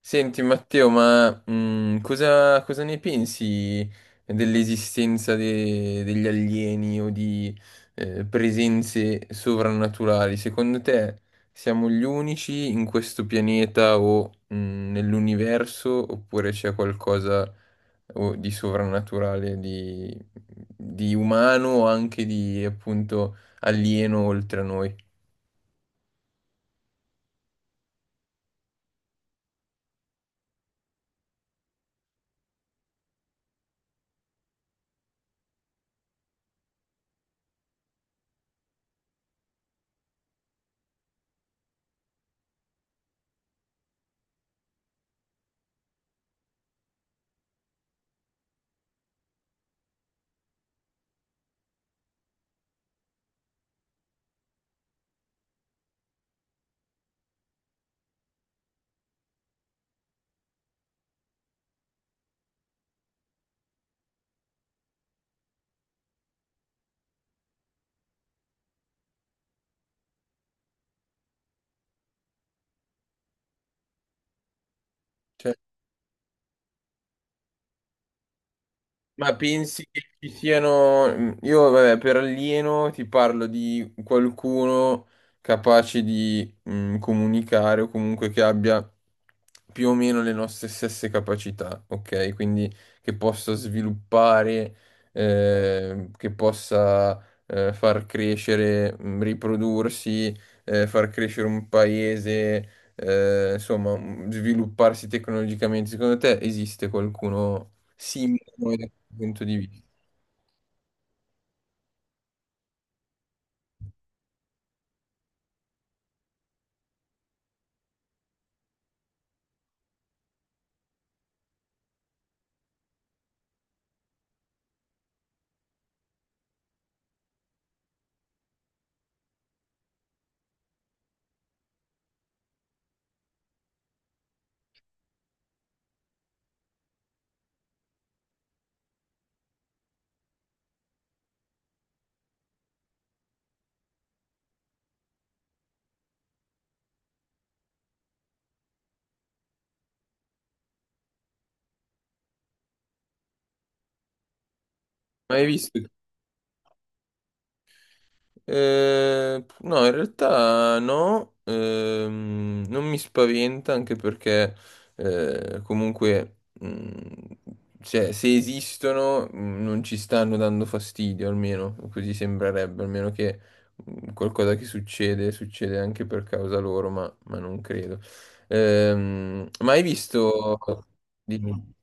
Senti Matteo, ma cosa ne pensi dell'esistenza degli alieni o di presenze sovrannaturali? Secondo te siamo gli unici in questo pianeta o nell'universo, oppure c'è qualcosa o di sovrannaturale, di umano o anche di appunto alieno oltre a noi? Cioè, ma pensi che ci siano... Io, vabbè, per alieno ti parlo di qualcuno capace di comunicare, o comunque che abbia più o meno le nostre stesse capacità, ok? Quindi che possa sviluppare, che possa far crescere, riprodursi, far crescere un paese, insomma, svilupparsi tecnologicamente. Secondo te esiste qualcuno simulano da questo punto di vista. Ma hai visto? No, in realtà no, non mi spaventa, anche perché comunque, cioè, se esistono, non ci stanno dando fastidio, almeno così sembrerebbe, almeno che qualcosa che succede succede anche per causa loro, ma non credo. Ma hai visto... Dimmi.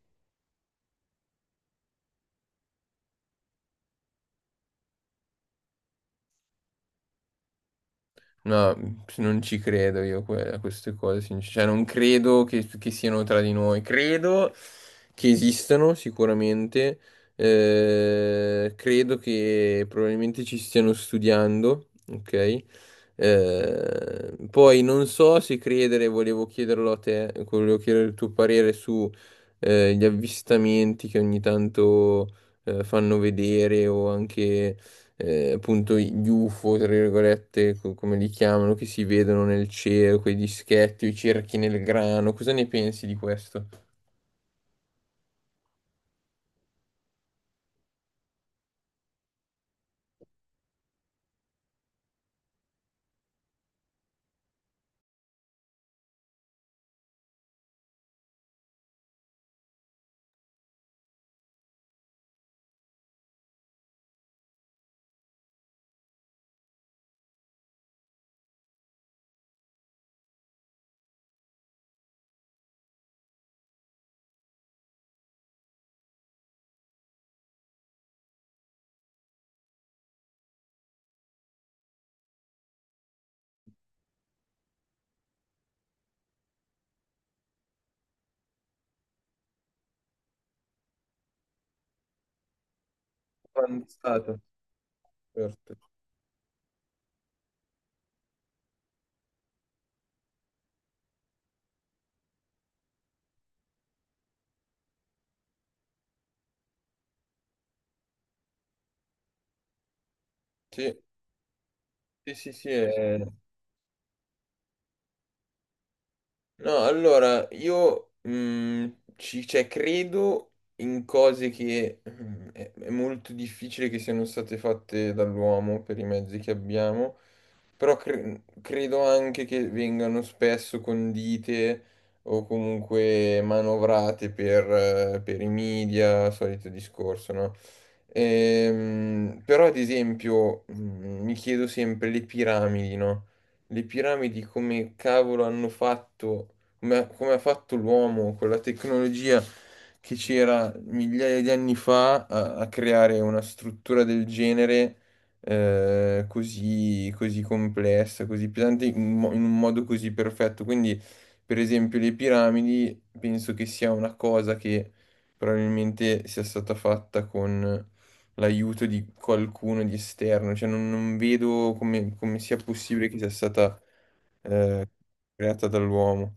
No, non ci credo io a queste cose, cioè non credo che siano tra di noi, credo che esistano sicuramente, credo che probabilmente ci stiano studiando, ok? Poi non so se credere, volevo chiederlo a te, volevo chiedere il tuo parere su gli avvistamenti che ogni tanto fanno vedere, o anche appunto gli UFO, tra virgolette, come li chiamano, che si vedono nel cielo, quei dischetti, i cerchi nel grano. Cosa ne pensi di questo? Avanzato. Certo. Sì, sì, sì, sì, è... No, allora, io cioè, credo in cose che è molto difficile che siano state fatte dall'uomo per i mezzi che abbiamo. Però credo anche che vengano spesso condite o comunque manovrate per i media, solito discorso, no? Però, ad esempio, mi chiedo sempre le piramidi, no? Le piramidi, come cavolo hanno fatto, come ha fatto l'uomo con la tecnologia che c'era migliaia di anni fa a creare una struttura del genere, così, così complessa, così pesante, in un modo così perfetto. Quindi, per esempio, le piramidi penso che sia una cosa che probabilmente sia stata fatta con l'aiuto di qualcuno di esterno, cioè non vedo come sia possibile che sia stata eh, creata dall'uomo.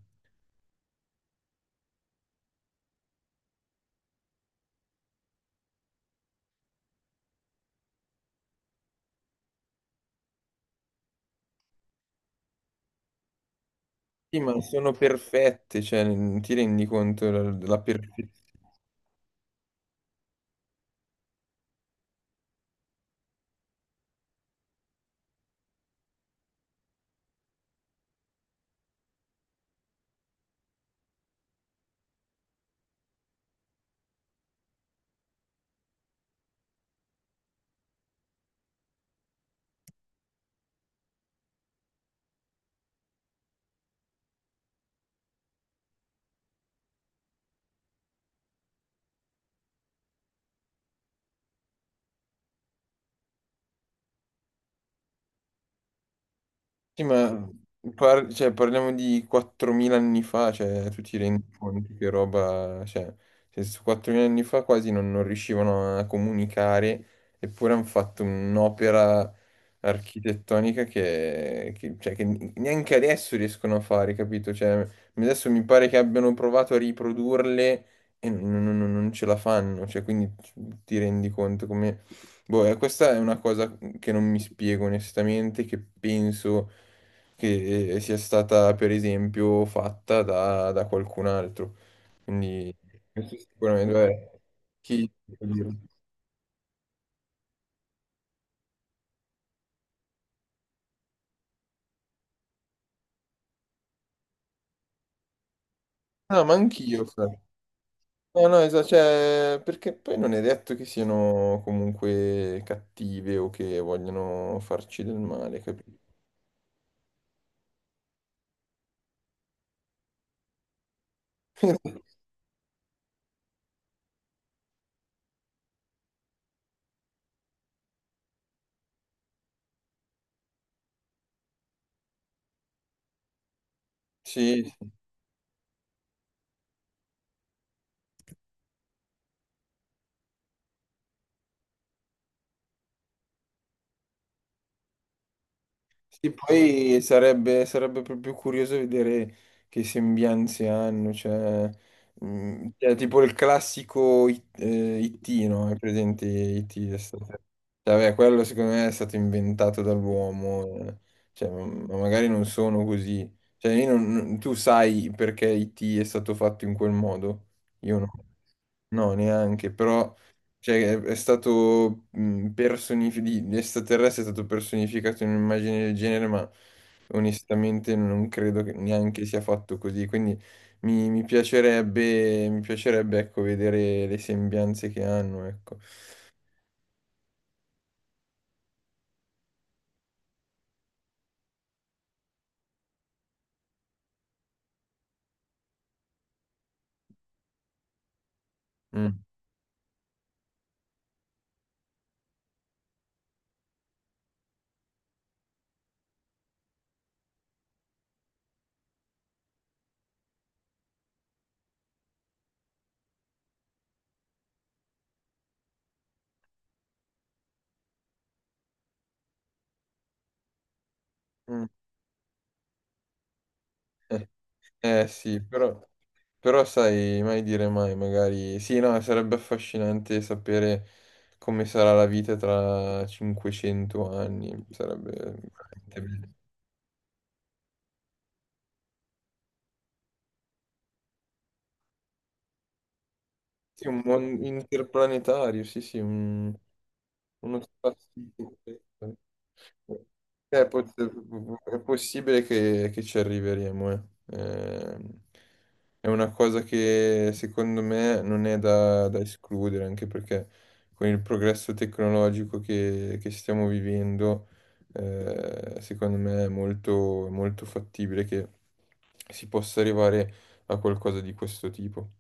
Sì, ma sono perfette, cioè, non ti rendi conto della perfettissima... Cioè, parliamo di 4.000 anni fa, cioè, tu ti rendi conto che roba... Cioè, cioè, su 4.000 anni fa quasi non riuscivano a comunicare, eppure hanno fatto un'opera architettonica cioè, che neanche adesso riescono a fare, capito? Cioè, adesso mi pare che abbiano provato a riprodurle e non ce la fanno, cioè, quindi ti rendi conto. Boh, questa è una cosa, che non mi spiego onestamente, che penso che sia stata per esempio fatta da qualcun altro. Quindi questo sicuramente, vabbè. Chi No, ma anch'io. Fra. No, no, esatto, cioè, perché poi non è detto che siano comunque cattive o che vogliano farci del male, capito? Sì. Sì, poi sarebbe proprio curioso vedere che sembianze hanno, cioè, cioè, tipo il classico IT, no? È presente IT? Cioè, vabbè, quello secondo me è stato inventato dall'uomo, eh. Cioè, ma magari non sono così. Cioè, io tu sai perché IT è stato fatto in quel modo? Io no, no, neanche. Però cioè, è stato personificato, l'estraterrestre è stato personificato in un'immagine del genere, ma onestamente non credo che neanche sia fatto così. Quindi mi piacerebbe, ecco, vedere le sembianze che hanno, ecco. Mm, mm. Eh, sì, però, però sai, mai dire mai, magari... Sì, no, sarebbe affascinante sapere come sarà la vita tra 500 anni, sarebbe veramente bello. Sì, un buon interplanetario, sì, sì, uno spazio. Eh, pot- è possibile che ci arriveremo, eh. Ehm, è una cosa che secondo me non è da escludere, anche perché con il progresso tecnologico che stiamo vivendo, secondo me è molto, molto fattibile che si possa arrivare a qualcosa di questo tipo.